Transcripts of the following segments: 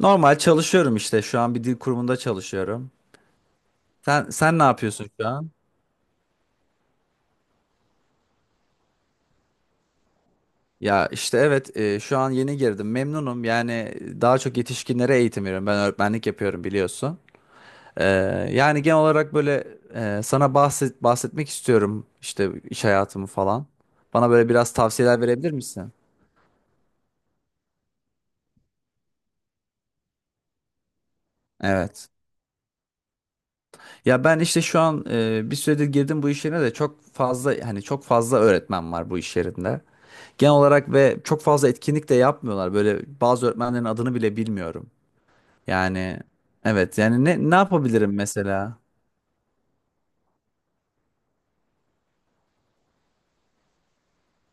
Normal çalışıyorum işte. Şu an bir dil kurumunda çalışıyorum. Sen ne yapıyorsun şu an? Ya işte evet şu an yeni girdim. Memnunum. Yani daha çok yetişkinlere eğitim veriyorum. Ben öğretmenlik yapıyorum biliyorsun. Ee, Yani genel olarak böyle sana bahsetmek istiyorum işte iş hayatımı falan. Bana böyle biraz tavsiyeler verebilir misin? Evet. Ya ben işte şu an bir süredir girdim bu iş yerine de çok fazla hani çok fazla öğretmen var bu iş yerinde. Genel olarak ve çok fazla etkinlik de yapmıyorlar. Böyle bazı öğretmenlerin adını bile bilmiyorum. Yani evet yani ne yapabilirim mesela?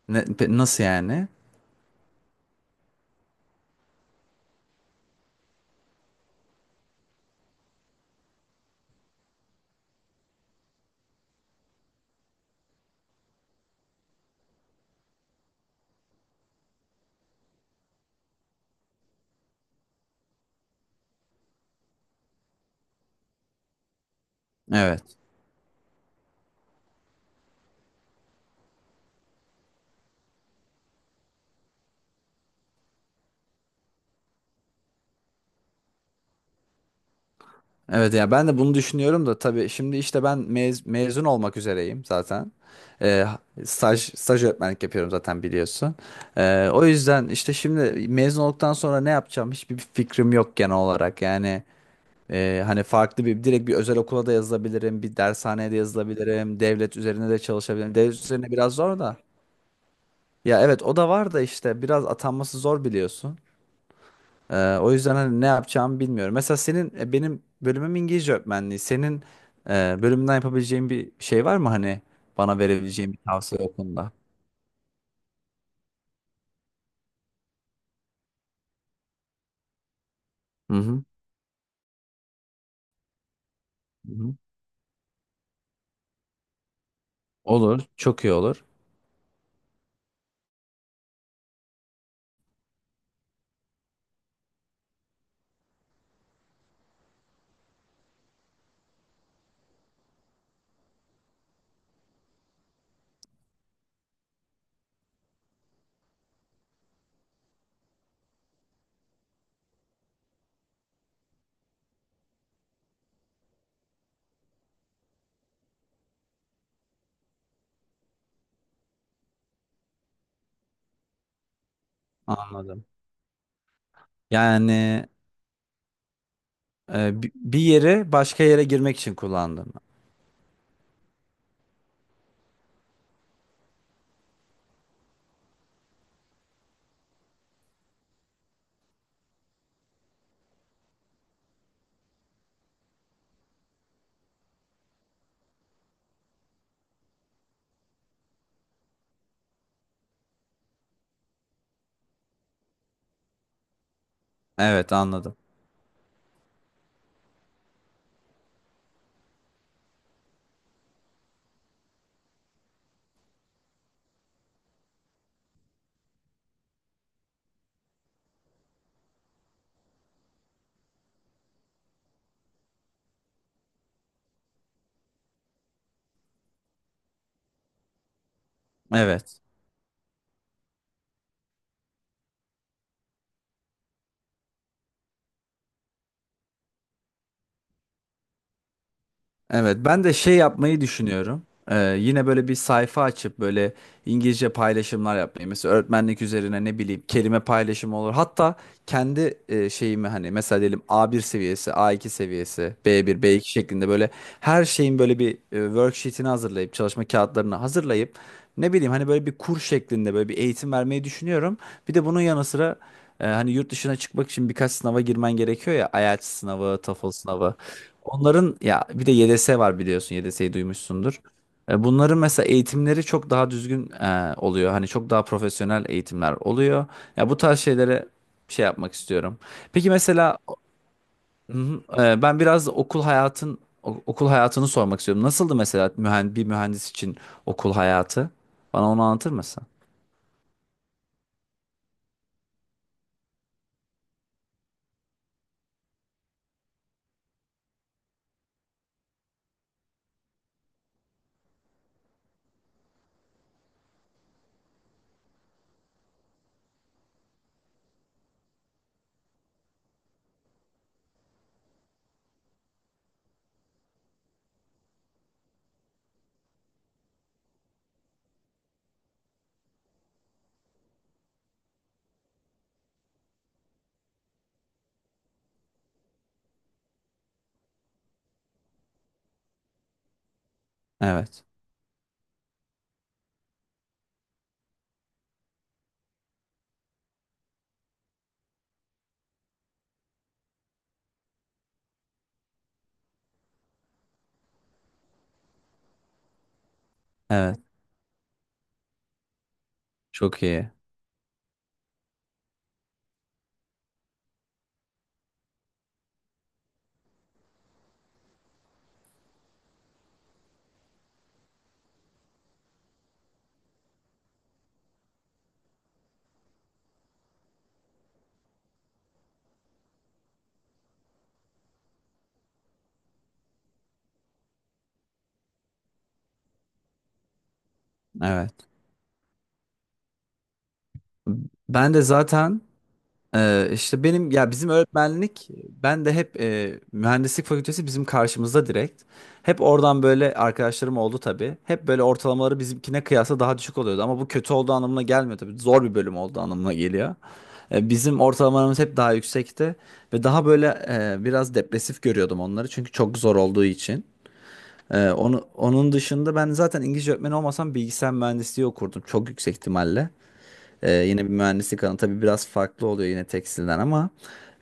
Ne, nasıl yani? Evet. Evet ya ben de bunu düşünüyorum da tabii şimdi işte ben mezun olmak üzereyim zaten. Ee, staj öğretmenlik yapıyorum zaten biliyorsun. O yüzden işte şimdi mezun olduktan sonra ne yapacağım hiçbir fikrim yok genel olarak. Yani hani farklı bir direkt bir özel okula da yazılabilirim, bir dershaneye de yazılabilirim, devlet üzerine de çalışabilirim. Devlet üzerine biraz zor da. Ya evet o da var da işte biraz atanması zor biliyorsun. O yüzden hani ne yapacağımı bilmiyorum. Mesela senin benim bölümüm İngilizce öğretmenliği. Senin bölümünden yapabileceğin bir şey var mı hani bana verebileceğin bir tavsiye o konuda? Hı hı. Hı hı. Olur, çok iyi olur. Anladım. Yani bir yeri başka yere girmek için kullandım. Evet anladım. Evet. Evet, ben de şey yapmayı düşünüyorum. Yine böyle bir sayfa açıp böyle İngilizce paylaşımlar yapmayı. Mesela öğretmenlik üzerine ne bileyim kelime paylaşımı olur. Hatta kendi şeyimi hani mesela diyelim A1 seviyesi, A2 seviyesi, B1, B2 şeklinde böyle her şeyin böyle bir worksheet'ini hazırlayıp çalışma kağıtlarını hazırlayıp ne bileyim hani böyle bir kur şeklinde böyle bir eğitim vermeyi düşünüyorum. Bir de bunun yanı sıra hani yurt dışına çıkmak için birkaç sınava girmen gerekiyor ya. IELTS sınavı, TOEFL sınavı. Onların ya bir de YDS var biliyorsun. YDS'yi duymuşsundur. Bunların mesela eğitimleri çok daha düzgün oluyor. Hani çok daha profesyonel eğitimler oluyor. Ya bu tarz şeylere şey yapmak istiyorum. Peki mesela hı hı, ben biraz da okul hayatını sormak istiyorum. Nasıldı mesela bir mühendis için okul hayatı? Bana onu anlatır mısın? Evet. Evet. Çok iyi. Evet. Ben de zaten işte benim ya bizim öğretmenlik ben de hep mühendislik fakültesi bizim karşımızda direkt. Hep oradan böyle arkadaşlarım oldu tabii. Hep böyle ortalamaları bizimkine kıyasla daha düşük oluyordu ama bu kötü olduğu anlamına gelmiyor tabii. Zor bir bölüm olduğu anlamına geliyor. Bizim ortalamalarımız hep daha yüksekti ve daha böyle biraz depresif görüyordum onları çünkü çok zor olduğu için. Onun dışında ben zaten İngilizce öğretmeni olmasam bilgisayar mühendisliği okurdum çok yüksek ihtimalle. Yine bir mühendislik alanı. Tabii biraz farklı oluyor yine tekstilden ama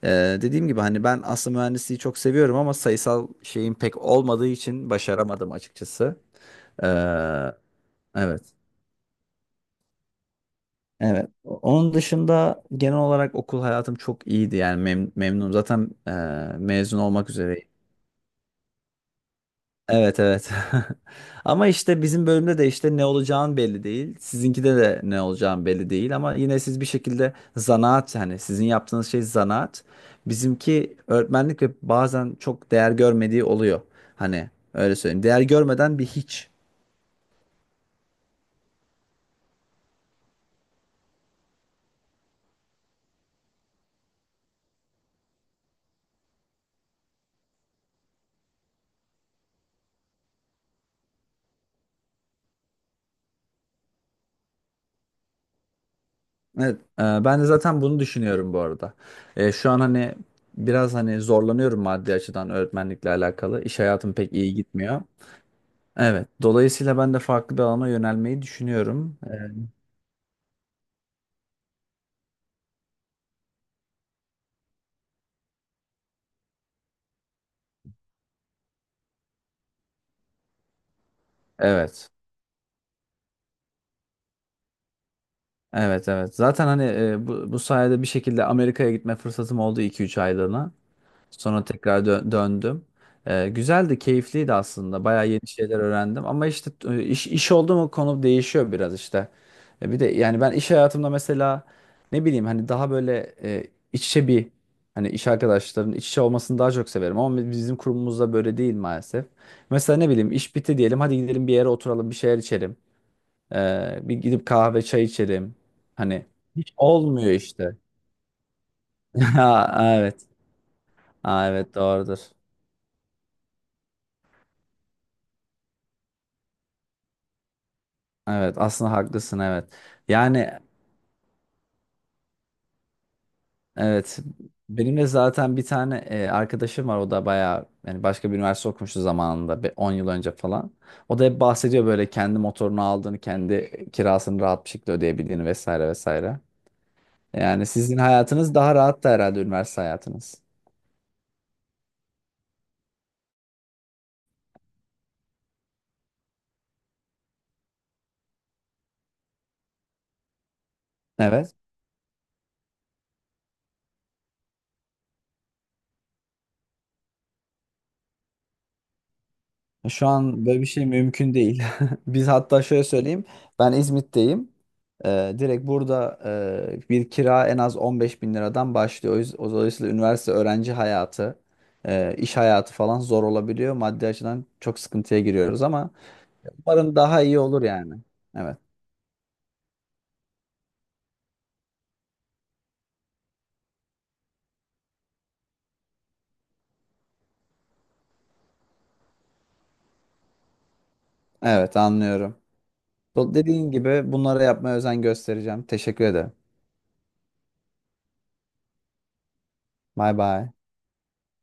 e, dediğim gibi hani ben aslında mühendisliği çok seviyorum ama sayısal şeyin pek olmadığı için başaramadım açıkçası. Ee, evet. Evet. Onun dışında genel olarak okul hayatım çok iyiydi yani memnunum. Zaten mezun olmak üzere. Evet evet. Ama işte bizim bölümde de işte ne olacağın belli değil. Sizinkide de ne olacağın belli değil ama yine siz bir şekilde zanaat yani sizin yaptığınız şey zanaat. Bizimki öğretmenlik ve bazen çok değer görmediği oluyor. Hani öyle söyleyeyim. Değer görmeden bir hiç. Evet, ben de zaten bunu düşünüyorum bu arada. Şu an hani biraz hani zorlanıyorum maddi açıdan öğretmenlikle alakalı. İş hayatım pek iyi gitmiyor. Evet, dolayısıyla ben de farklı bir alana yönelmeyi düşünüyorum. E, Evet. Evet evet. Zaten hani bu sayede bir şekilde Amerika'ya gitme fırsatım oldu iki üç aylığına. Sonra tekrar döndüm. Güzeldi, keyifliydi aslında. Bayağı yeni şeyler öğrendim. Ama işte iş oldu mu konu değişiyor biraz işte. Bir de yani ben iş hayatımda mesela ne bileyim hani daha böyle iç içe bir hani iş arkadaşlarının iç içe olmasını daha çok severim. Ama bizim kurumumuzda böyle değil maalesef. Mesela ne bileyim iş bitti diyelim hadi gidelim bir yere oturalım bir şeyler içelim. Bir gidip kahve çay içelim. Hani hiç olmuyor işte. Ha, evet. Ha, evet doğrudur. Evet aslında haklısın evet. Yani evet benim de zaten bir tane arkadaşım var o da bayağı yani başka bir üniversite okumuştu zamanında bir 10 yıl önce falan. O da hep bahsediyor böyle kendi motorunu aldığını, kendi kirasını rahat bir şekilde ödeyebildiğini vesaire vesaire. Yani sizin hayatınız daha rahattı herhalde üniversite hayatınız. Evet. Şu an böyle bir şey mümkün değil. Biz hatta şöyle söyleyeyim. Ben İzmit'teyim. Direkt burada bir kira en az 15 bin liradan başlıyor. Dolayısıyla üniversite öğrenci hayatı, iş hayatı falan zor olabiliyor. Maddi açıdan çok sıkıntıya giriyoruz ama umarım daha iyi olur yani. Evet. Evet anlıyorum. Dediğin gibi bunlara yapmaya özen göstereceğim. Teşekkür ederim. Bay bay.